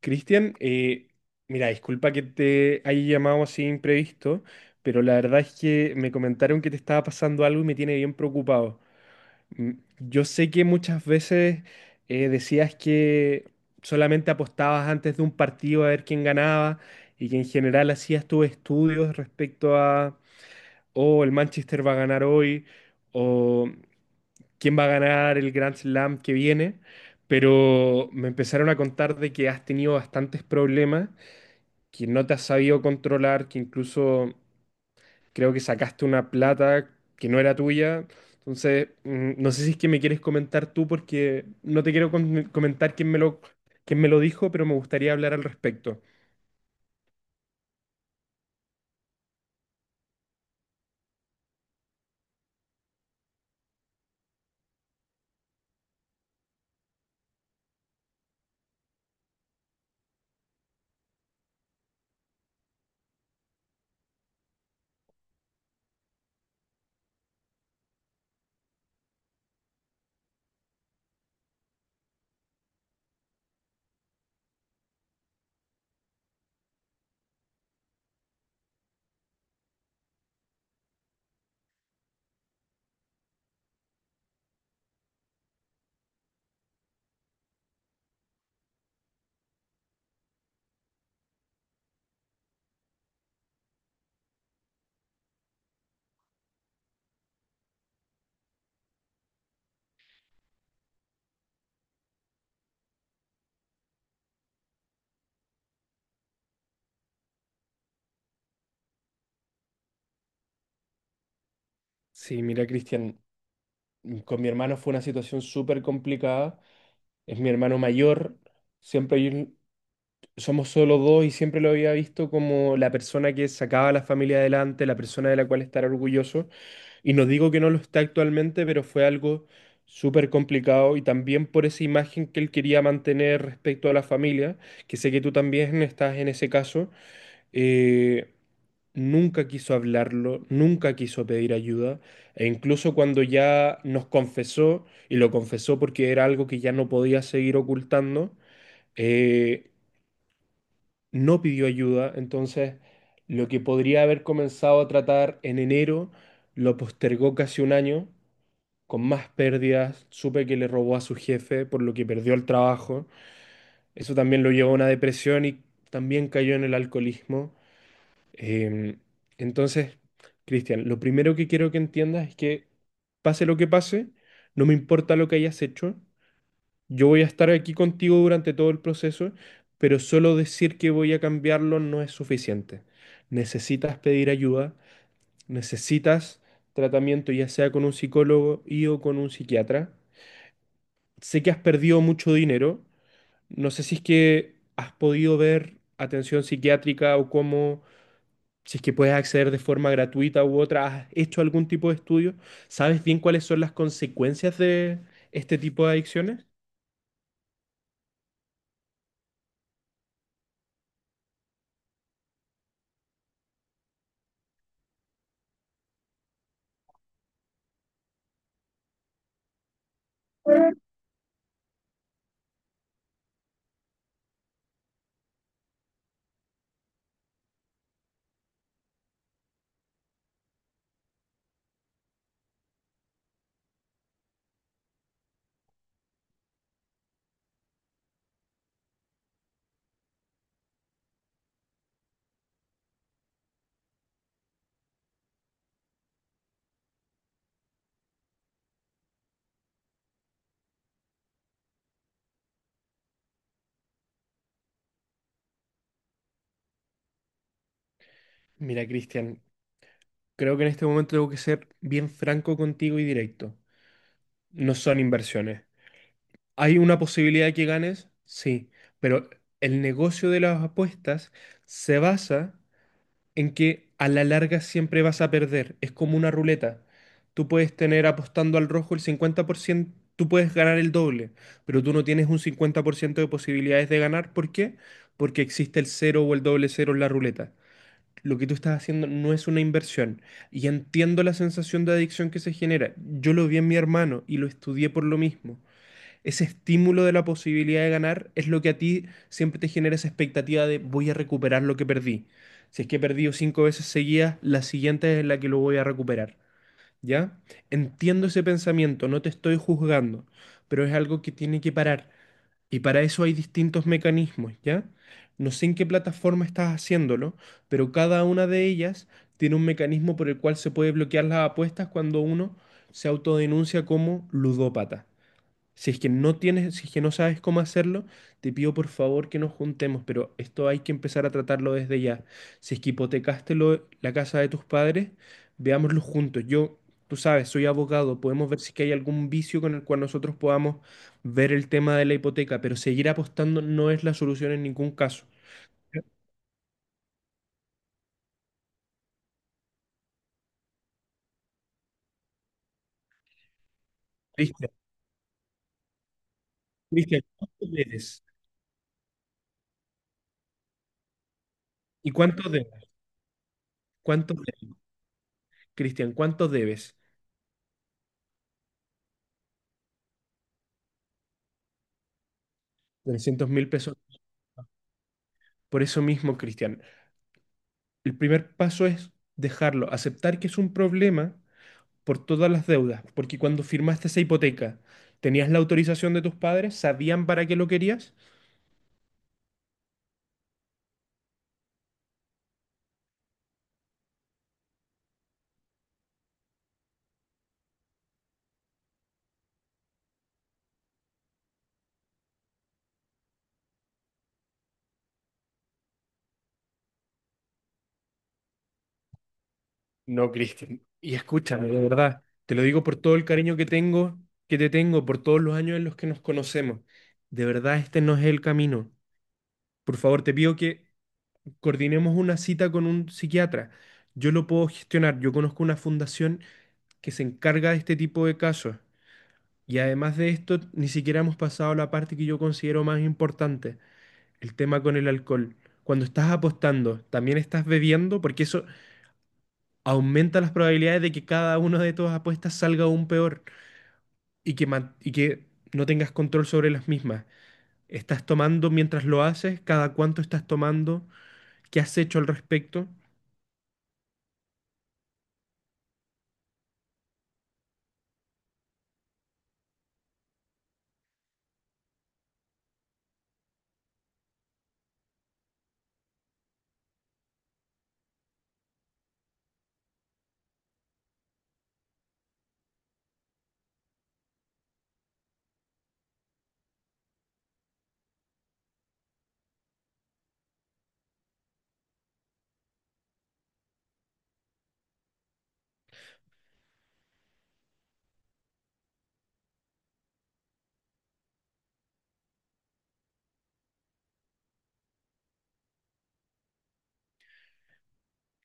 Cristian, mira, disculpa que te haya llamado así imprevisto, pero la verdad es que me comentaron que te estaba pasando algo y me tiene bien preocupado. Mm, Yo sé que muchas veces decías que solamente apostabas antes de un partido a ver quién ganaba y que en general hacías tus estudios respecto a, oh, el Manchester va a ganar hoy o quién va a ganar el Grand Slam que viene. Pero me empezaron a contar de que has tenido bastantes problemas, que no te has sabido controlar, que incluso creo que sacaste una plata que no era tuya. Entonces, no sé si es que me quieres comentar tú, porque no te quiero comentar quién me lo dijo, pero me gustaría hablar al respecto. Sí, mira, Cristian, con mi hermano fue una situación súper complicada. Es mi hermano mayor, siempre hay un- somos solo dos y siempre lo había visto como la persona que sacaba a la familia adelante, la persona de la cual estar orgulloso. Y no digo que no lo está actualmente, pero fue algo súper complicado y también por esa imagen que él quería mantener respecto a la familia, que sé que tú también estás en ese caso, eh, nunca quiso hablarlo, nunca quiso pedir ayuda, e incluso cuando ya nos confesó, y lo confesó porque era algo que ya no podía seguir ocultando, eh, no pidió ayuda. Entonces lo que podría haber comenzado a tratar en enero, lo postergó casi un año con más pérdidas. Supe que le robó a su jefe, por lo que perdió el trabajo. Eso también lo llevó a una depresión y también cayó en el alcoholismo. Em, entonces, Cristian, lo primero que quiero que entiendas es que pase lo que pase, no me importa lo que hayas hecho, yo voy a estar aquí contigo durante todo el proceso, pero solo decir que voy a cambiarlo no es suficiente. Necesitas pedir ayuda, necesitas tratamiento, ya sea con un psicólogo y o con un psiquiatra. Sé que has perdido mucho dinero. No sé si es que has podido ver atención psiquiátrica o cómo, si es que puedes acceder de forma gratuita u otra. ¿Has hecho algún tipo de estudio? ¿Sabes bien cuáles son las consecuencias de este tipo de adicciones? Mira, Cristian, creo que en este momento tengo que ser bien franco contigo y directo. No son inversiones. ¿Hay una posibilidad de que ganes? Sí, pero el negocio de las apuestas se basa en que a la larga siempre vas a perder. Es como una ruleta. Tú puedes tener apostando al rojo el 50%, tú puedes ganar el doble, pero tú no tienes un 50% de posibilidades de ganar. ¿Por qué? Porque existe el cero o el doble cero en la ruleta. Lo que tú estás haciendo no es una inversión. Y entiendo la sensación de adicción que se genera. Yo lo vi en mi hermano y lo estudié por lo mismo. Ese estímulo de la posibilidad de ganar es lo que a ti siempre te genera esa expectativa de voy a recuperar lo que perdí. Si es que he perdido cinco veces seguidas, la siguiente es la que lo voy a recuperar. ¿Ya? Entiendo ese pensamiento, no te estoy juzgando, pero es algo que tiene que parar. Y para eso hay distintos mecanismos, ¿ya? No sé en qué plataforma estás haciéndolo, pero cada una de ellas tiene un mecanismo por el cual se puede bloquear las apuestas cuando uno se autodenuncia como ludópata. Si es que no tienes, si es que no sabes cómo hacerlo, te pido por favor que nos juntemos, pero esto hay que empezar a tratarlo desde ya. Si es que hipotecaste la casa de tus padres, veámoslo juntos. Yo, tú sabes, soy abogado, podemos ver si es que hay algún vicio con el cual nosotros podamos ver el tema de la hipoteca, pero seguir apostando no es la solución en ningún caso. Cristian, Cristian, ¿cuánto debes? ¿Y cuánto debes? ¿Cuánto debes, Cristian? ¿Cuánto debes? 300.000 pesos. Por eso mismo, Cristian. El primer paso es dejarlo, aceptar que es un problema por todas las deudas, porque cuando firmaste esa hipoteca, ¿tenías la autorización de tus padres? ¿Sabían para qué lo querías? No, Cristian. Y escúchame, de verdad, te lo digo por todo el cariño que tengo, que te tengo, por todos los años en los que nos conocemos. De verdad, este no es el camino. Por favor, te pido que coordinemos una cita con un psiquiatra. Yo lo puedo gestionar. Yo conozco una fundación que se encarga de este tipo de casos. Y además de esto, ni siquiera hemos pasado a la parte que yo considero más importante, el tema con el alcohol. Cuando estás apostando, también estás bebiendo, porque eso aumenta las probabilidades de que cada una de tus apuestas salga aún peor y que, que no tengas control sobre las mismas. ¿Estás tomando mientras lo haces? ¿Cada cuánto estás tomando? ¿Qué has hecho al respecto?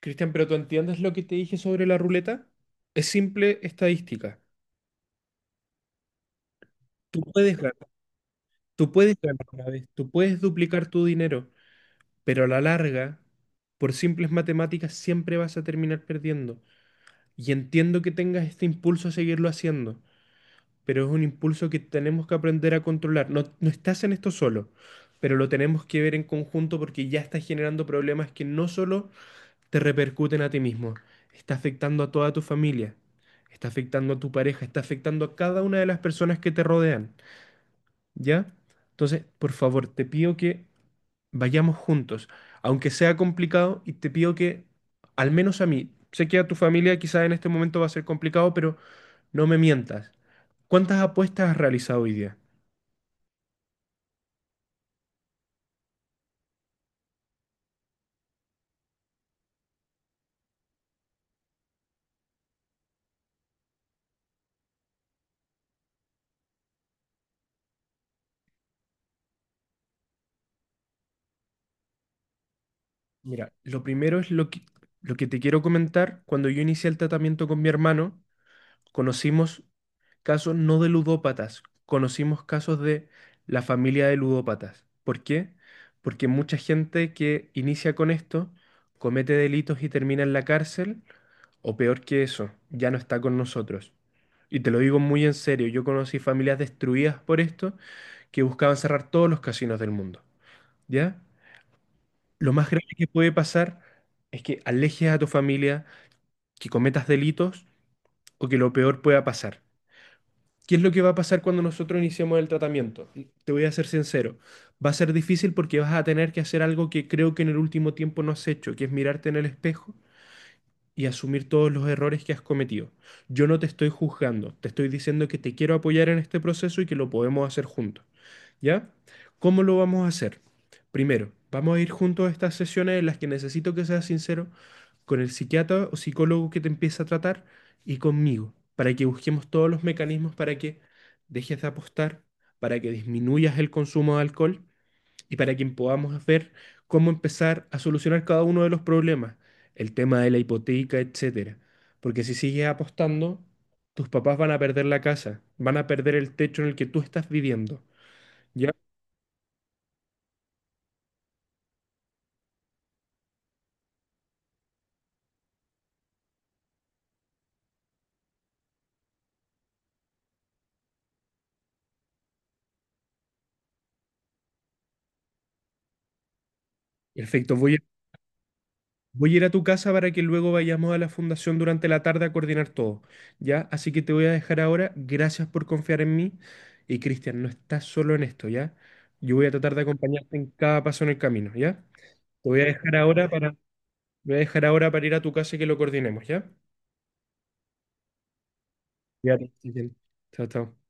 Cristian, ¿pero tú entiendes lo que te dije sobre la ruleta? Es simple estadística. Tú puedes ganar, tú puedes ganar una vez, tú puedes duplicar tu dinero. Pero a la larga, por simples matemáticas siempre vas a terminar perdiendo. Y entiendo que tengas este impulso a seguirlo haciendo, pero es un impulso que tenemos que aprender a controlar. No, no estás en esto solo, pero lo tenemos que ver en conjunto, porque ya estás generando problemas que no solo te repercuten a ti mismo, está afectando a toda tu familia, está afectando a tu pareja, está afectando a cada una de las personas que te rodean, ¿ya? Entonces, por favor, te pido que vayamos juntos, aunque sea complicado, y te pido que, al menos a mí, sé que a tu familia quizás en este momento va a ser complicado, pero no me mientas. ¿Cuántas apuestas has realizado hoy día? Mira, lo primero es lo que te quiero comentar. Cuando yo inicié el tratamiento con mi hermano, conocimos casos no de ludópatas, conocimos casos de la familia de ludópatas. ¿Por qué? Porque mucha gente que inicia con esto comete delitos y termina en la cárcel. O peor que eso, ya no está con nosotros. Y te lo digo muy en serio, yo conocí familias destruidas por esto que buscaban cerrar todos los casinos del mundo. ¿Ya? Lo más grave que puede pasar es que alejes a tu familia, que cometas delitos o que lo peor pueda pasar. ¿Qué es lo que va a pasar cuando nosotros iniciemos el tratamiento? Te voy a ser sincero, va a ser difícil porque vas a tener que hacer algo que creo que en el último tiempo no has hecho, que es mirarte en el espejo y asumir todos los errores que has cometido. Yo no te estoy juzgando, te estoy diciendo que te quiero apoyar en este proceso y que lo podemos hacer juntos, ¿ya? ¿Cómo lo vamos a hacer? Primero, vamos a ir juntos a estas sesiones en las que necesito que seas sincero con el psiquiatra o psicólogo que te empieza a tratar y conmigo, para que busquemos todos los mecanismos para que dejes de apostar, para que disminuyas el consumo de alcohol y para quien podamos ver cómo empezar a solucionar cada uno de los problemas, el tema de la hipoteca, etcétera. Porque si sigues apostando, tus papás van a perder la casa, van a perder el techo en el que tú estás viviendo. ¿Ya? Perfecto, voy a ir a tu casa para que luego vayamos a la fundación durante la tarde a coordinar todo. ¿Ya? Así que te voy a dejar ahora. Gracias por confiar en mí. Y Cristian, no estás solo en esto, ¿ya? Yo voy a tratar de acompañarte en cada paso en el camino, ¿ya? Te voy a dejar ahora para... Voy a dejar ahora para ir a tu casa y que lo coordinemos, ¿ya? Ya, que estés... Chao, chao.